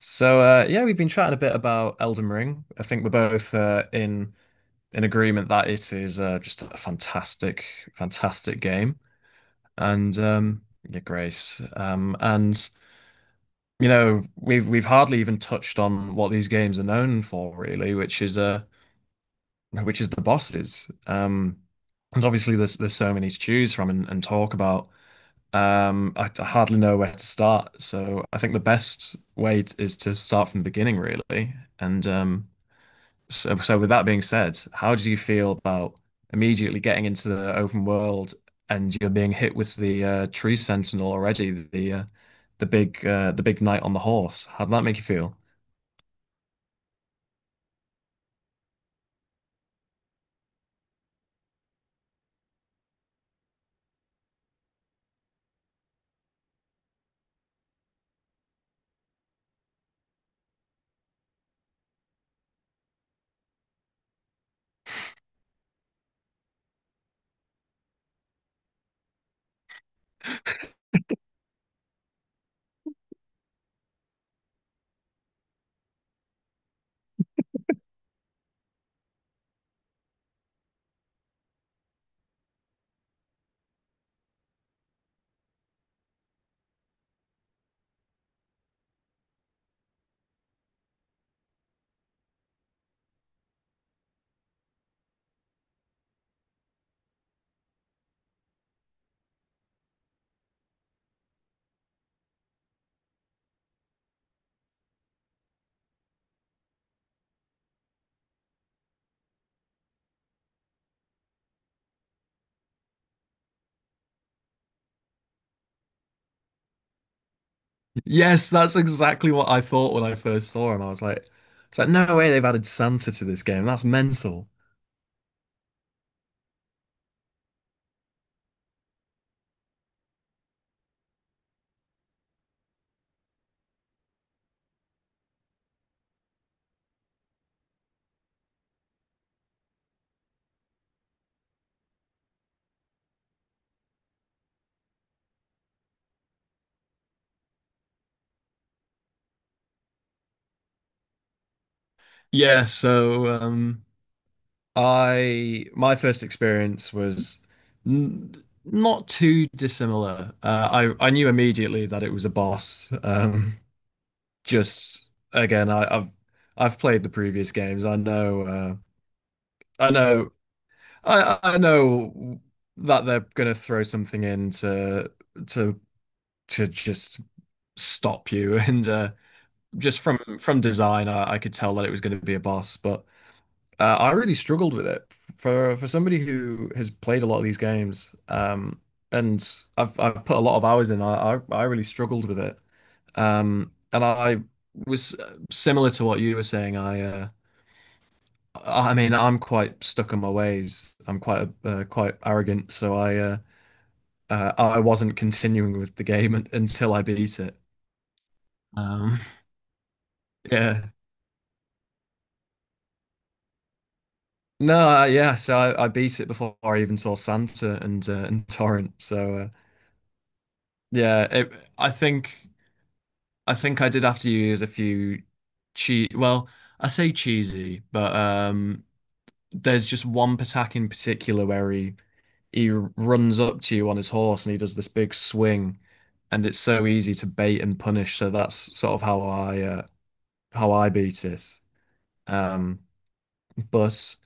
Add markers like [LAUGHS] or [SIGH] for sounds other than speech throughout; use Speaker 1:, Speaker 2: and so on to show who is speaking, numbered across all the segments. Speaker 1: So yeah, we've been chatting a bit about Elden Ring. I think we're both in agreement that it is just a fantastic, fantastic game. And yeah, Grace. And we've hardly even touched on what these games are known for, really, which is the bosses. And obviously, there's so many to choose from and talk about. I hardly know where to start. So I think the best way is to start from the beginning, really. So with that being said, how do you feel about immediately getting into the open world and you're being hit with the tree sentinel already, the big knight on the horse? How'd that make you feel? Yes, that's exactly what I thought when I first saw him. I was like, it's like no way they've added Santa to this game. That's mental. yeah, so um I my first experience was n not too dissimilar. I knew immediately that it was a boss. Just again, I've played the previous games. I know I know that they're gonna throw something in to to just stop you [LAUGHS] and just from design I could tell that it was gonna be a boss, but I really struggled with it for somebody who has played a lot of these games, and I've put a lot of hours in. I really struggled with it, and I was similar to what you were saying. I mean I'm quite stuck in my ways. I'm quite quite arrogant, so I wasn't continuing with the game until I beat it. Um, [LAUGHS] yeah. No, Yeah, so I beat it before I even saw Santa and Torrent. Yeah, it, I think I did have to use a few cheese. Well, I say cheesy, but there's just one Patak in particular where he runs up to you on his horse and he does this big swing, and it's so easy to bait and punish. So that's sort of how I beat it. Um, but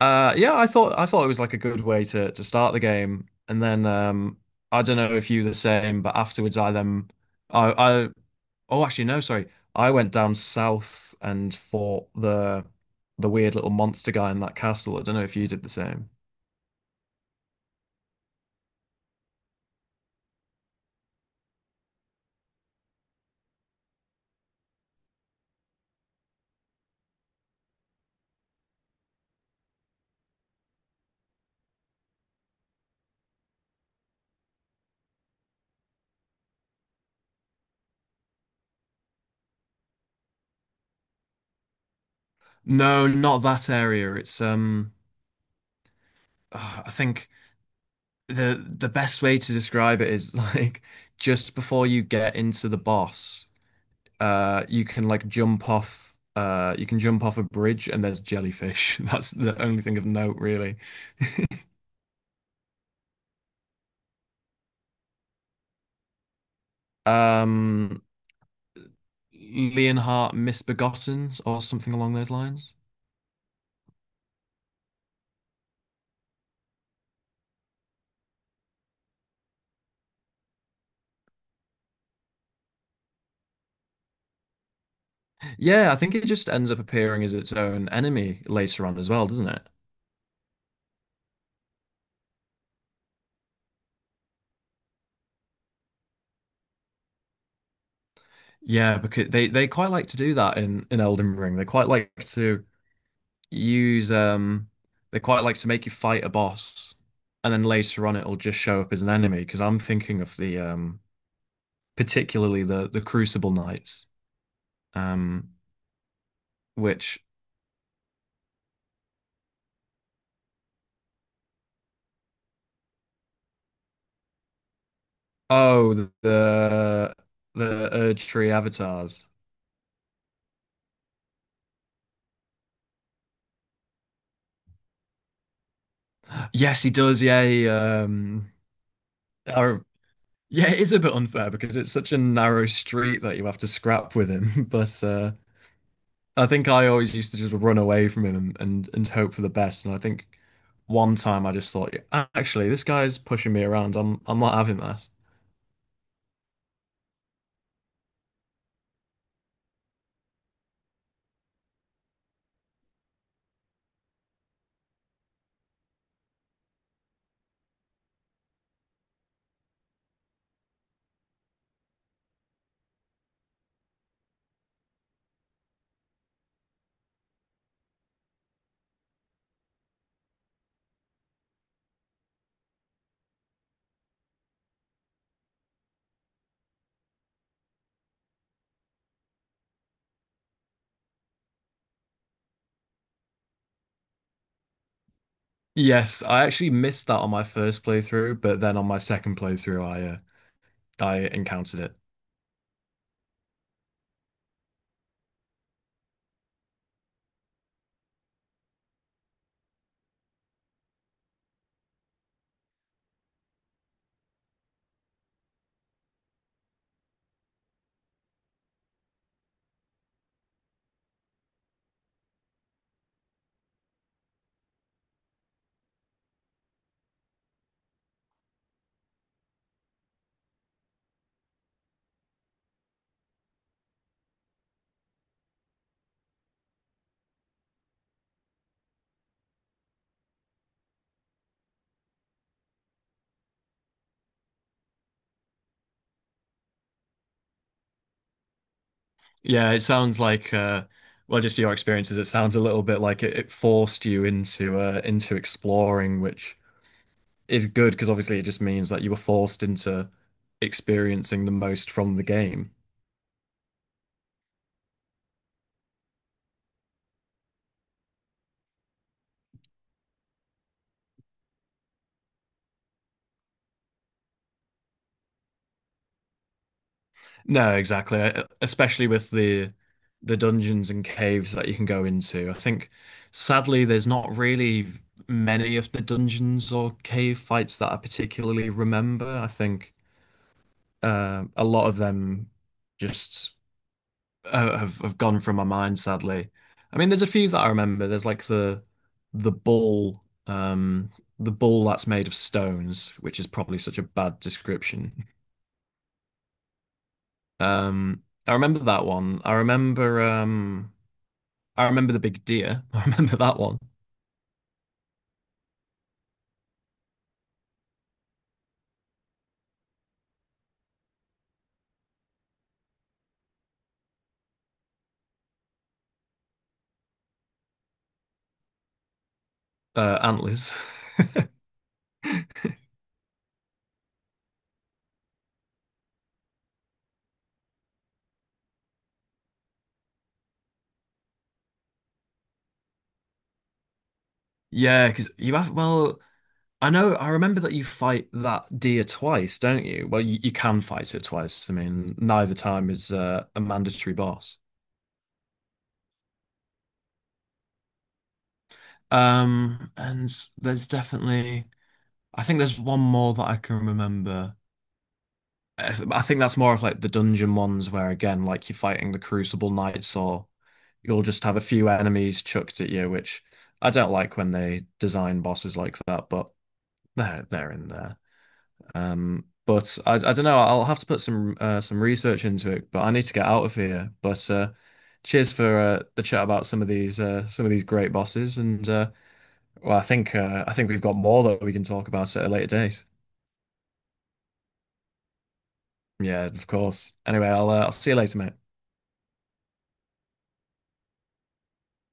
Speaker 1: uh, yeah, I thought it was like a good way to start the game, and then I don't know if you the same, but afterwards I then. I, I Oh, actually, no, sorry. I went down south and fought the weird little monster guy in that castle. I don't know if you did the same. No, not that area. I think the best way to describe it is [LAUGHS] like just before you get into the boss. You can like jump off. You can jump off a bridge, and there's jellyfish. [LAUGHS] That's the only thing of note, really. Um, Leonhardt Misbegottens, or something along those lines. Yeah, I think it just ends up appearing as its own enemy later on as well, doesn't it? Yeah, because they quite like to do that in Elden Ring. They quite like to use they quite like to make you fight a boss, and then later on it'll just show up as an enemy. Because I'm thinking of the particularly the Crucible Knights, um, which oh the, Erdtree avatars. Yes, he does. Are, yeah, it is a bit unfair because it's such a narrow street that you have to scrap with him. [LAUGHS] But I think I always used to just run away from him and, and hope for the best. And I think one time I just thought, "Yeah, actually, this guy's pushing me around. I'm not having that. Yes, I actually missed that on my first playthrough, but then on my second playthrough, I encountered it. Yeah, it sounds like, well just your experiences, it sounds a little bit like it forced you into exploring, which is good because obviously it just means that you were forced into experiencing the most from the game. No, exactly. Especially with the dungeons and caves that you can go into. I think sadly there's not really many of the dungeons or cave fights that I particularly remember. I think a lot of them just have gone from my mind, sadly. I mean, there's a few that I remember. There's like the ball, um, the ball that's made of stones, which is probably such a bad description. [LAUGHS] Um, I remember that one. I remember the big deer. [LAUGHS] I remember that one. Antlers. [LAUGHS] Yeah, because you have. Well, I know. I remember that you fight that deer twice, don't you? Well, you can fight it twice. I mean, neither time is a mandatory boss. And There's definitely, I think there's one more that I can remember. I think that's more of like the dungeon ones where again, like you're fighting the Crucible Knights, or you'll just have a few enemies chucked at you, which I don't like when they design bosses like that, but they're in there. But I don't know. I'll have to put some research into it, but I need to get out of here. But cheers for the chat about some of these great bosses and. Well, I think we've got more that we can talk about at a later date. Yeah, of course. Anyway, I'll see you later, mate.